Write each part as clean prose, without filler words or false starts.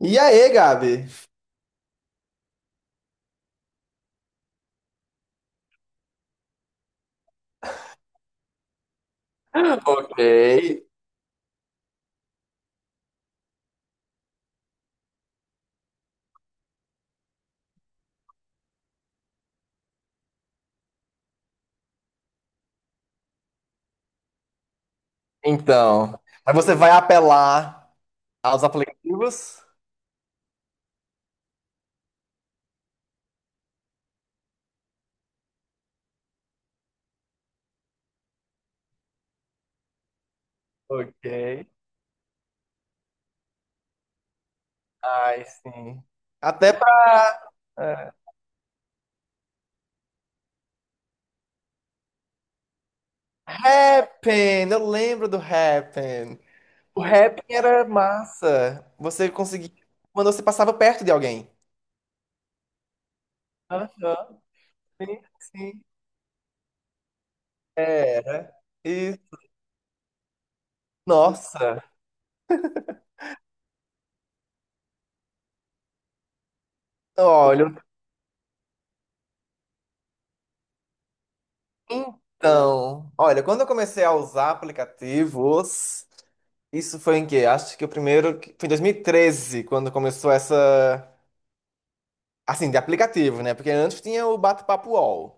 E aí, Gabi? Ei, então. Mas você vai apelar aos aplicativos? Ok. Ai, sim. Até pra. é, Happn! Eu lembro do Happn. O Happn era massa. Você conseguia. Quando você passava perto de alguém. Aham, sim, sim. Era. E. Nossa. Olha, então. Olha, quando eu comecei a usar aplicativos. Isso foi em que? Acho que o primeiro. Foi em 2013, quando começou essa. Assim, de aplicativo, né? Porque antes tinha o Bate-Papo UOL.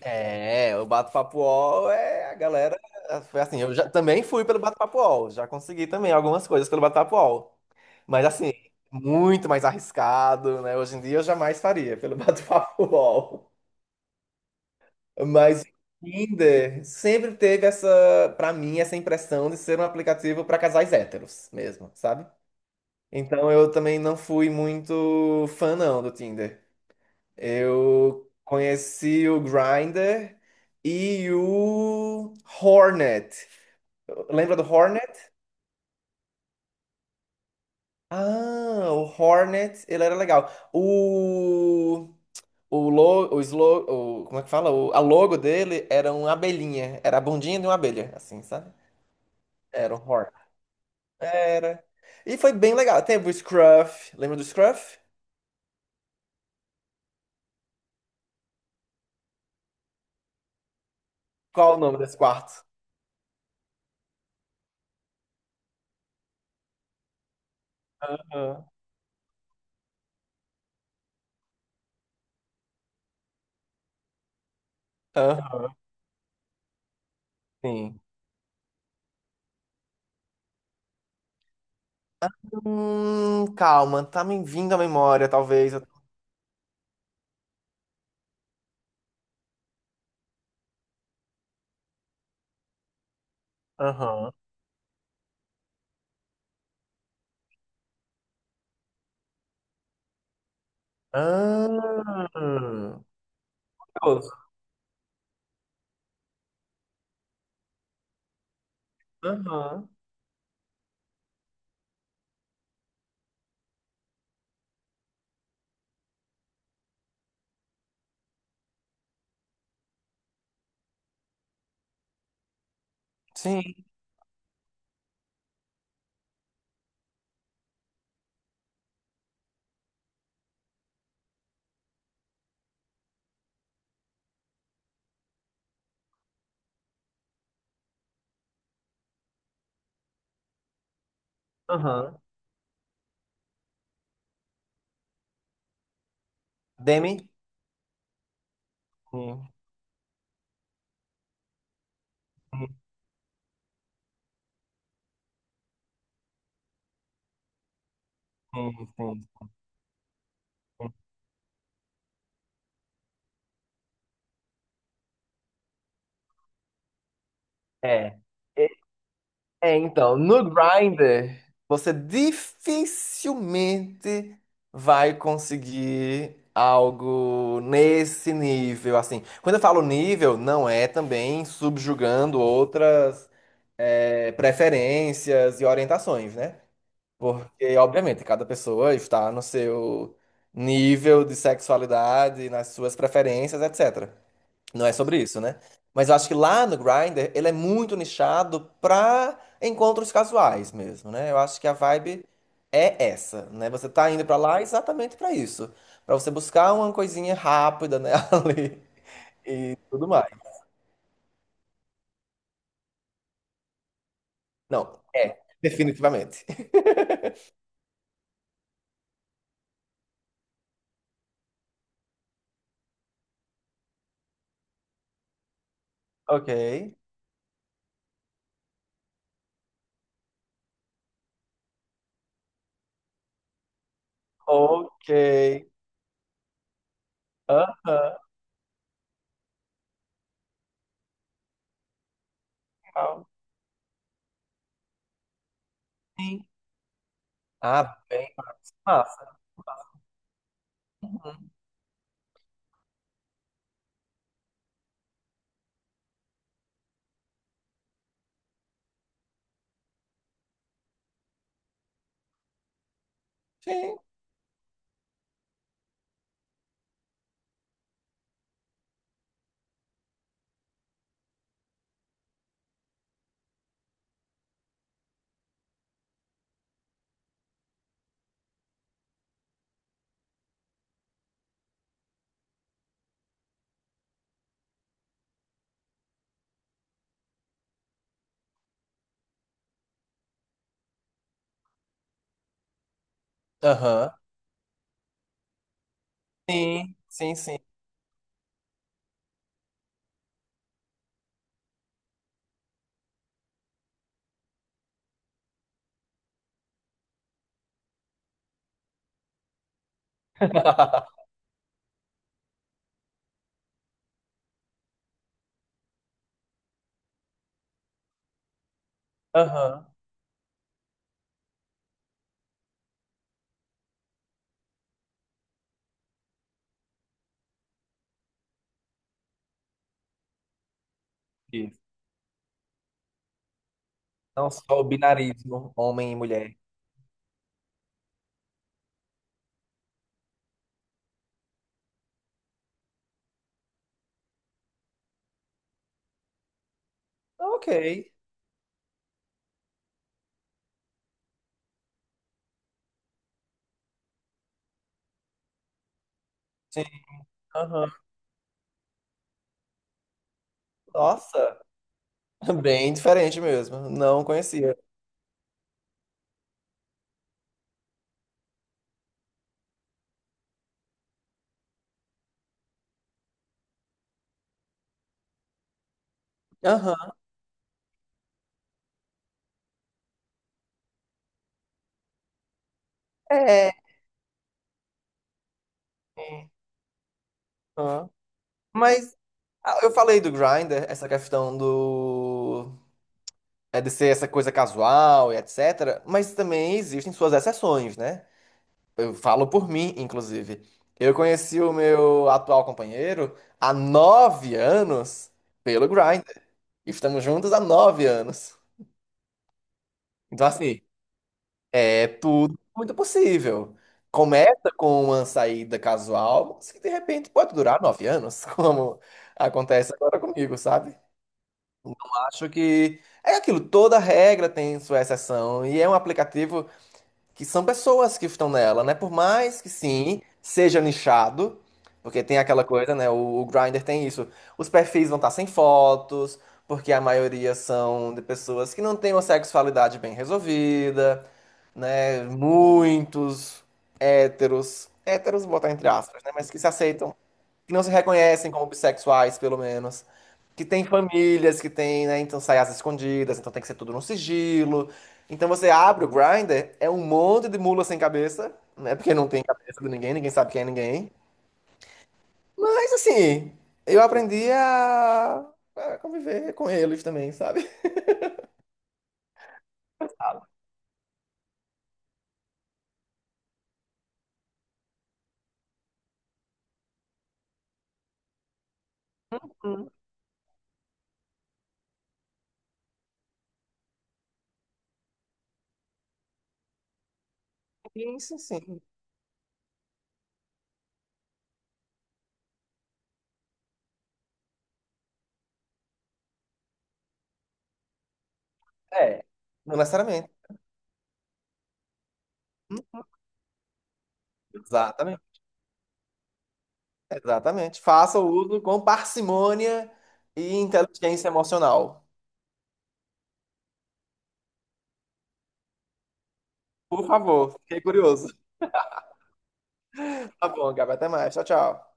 É, o Bate-Papo UOL é a galera. Foi assim, eu já também fui pelo Bate-Papo UOL. Já consegui também algumas coisas pelo Bate-Papo UOL. Mas assim, muito mais arriscado, né? Hoje em dia eu jamais faria pelo Bate-Papo UOL. Mas o Tinder sempre teve essa, pra mim, essa impressão de ser um aplicativo pra casais héteros mesmo, sabe? Então eu também não fui muito fã não do Tinder. Eu conheci o Grindr e o Hornet. Lembra do Hornet? Ah, o Hornet, ele era legal. O lo, o, slo, o Como é que fala? O, a logo dele era uma abelhinha, era a bundinha de uma abelha, assim, sabe? Era o Hornet. Era. E foi bem legal. Teve o Scruff. Lembra do Scruff? Qual o nome desse quarto? Aham. Aham. Sim. Calma, tá me vindo à memória, talvez. Aham. Ah. Curioso. Aham. Sim. Aham. Demi? Sim, sim, sim, sim. É. É, então, no Grindr, você dificilmente vai conseguir algo nesse nível, assim. Quando eu falo nível, não é também subjugando outras preferências e orientações, né? Porque, obviamente, cada pessoa está no seu nível de sexualidade, nas suas preferências, etc. Não é sobre isso, né? Mas eu acho que lá no Grindr, ele é muito nichado pra encontros casuais mesmo, né? Eu acho que a vibe é essa, né? Você tá indo pra lá exatamente pra isso, pra você buscar uma coisinha rápida, né, ali, tudo mais. Não, é, definitivamente. Ok. Ok. Aham. Legal. Sim. Ah, bem massa. Sim. Aham. Sim, sim, sim. Aham. Isso. Não só o binarismo, homem e mulher. Ok. Sim, aham. Nossa, bem diferente mesmo. Não conhecia. Aham. É. Aham. Mas ah, eu falei do Grindr, essa questão do. É de ser essa coisa casual e etc. Mas também existem suas exceções, né? Eu falo por mim, inclusive. Eu conheci o meu atual companheiro há 9 anos pelo Grindr. Estamos juntos há 9 anos. Então, assim, é tudo muito possível. Começa com uma saída casual, mas que de repente pode durar 9 anos, como acontece agora comigo, sabe? Então acho que é aquilo, toda regra tem sua exceção, e é um aplicativo que são pessoas que estão nela, né? Por mais que sim, seja nichado, porque tem aquela coisa, né? O Grindr tem isso. Os perfis vão estar sem fotos, porque a maioria são de pessoas que não têm uma sexualidade bem resolvida, né? Muitos héteros, vou botar entre aspas, né? Mas que se aceitam, que não se reconhecem como bissexuais, pelo menos. Que tem famílias, que tem, né? Então sai as escondidas, então tem que ser tudo no sigilo. Então você abre o Grindr, é um monte de mula sem cabeça, né? Porque não tem cabeça de ninguém, ninguém sabe quem é ninguém. Mas assim, eu aprendi a conviver com eles também, sabe? Sim, sim, sim. É, não necessariamente. Exatamente, exatamente. Faça o uso com parcimônia e inteligência emocional. Por favor, fiquei curioso. Tá bom, Gabi, até mais. Tchau, tchau.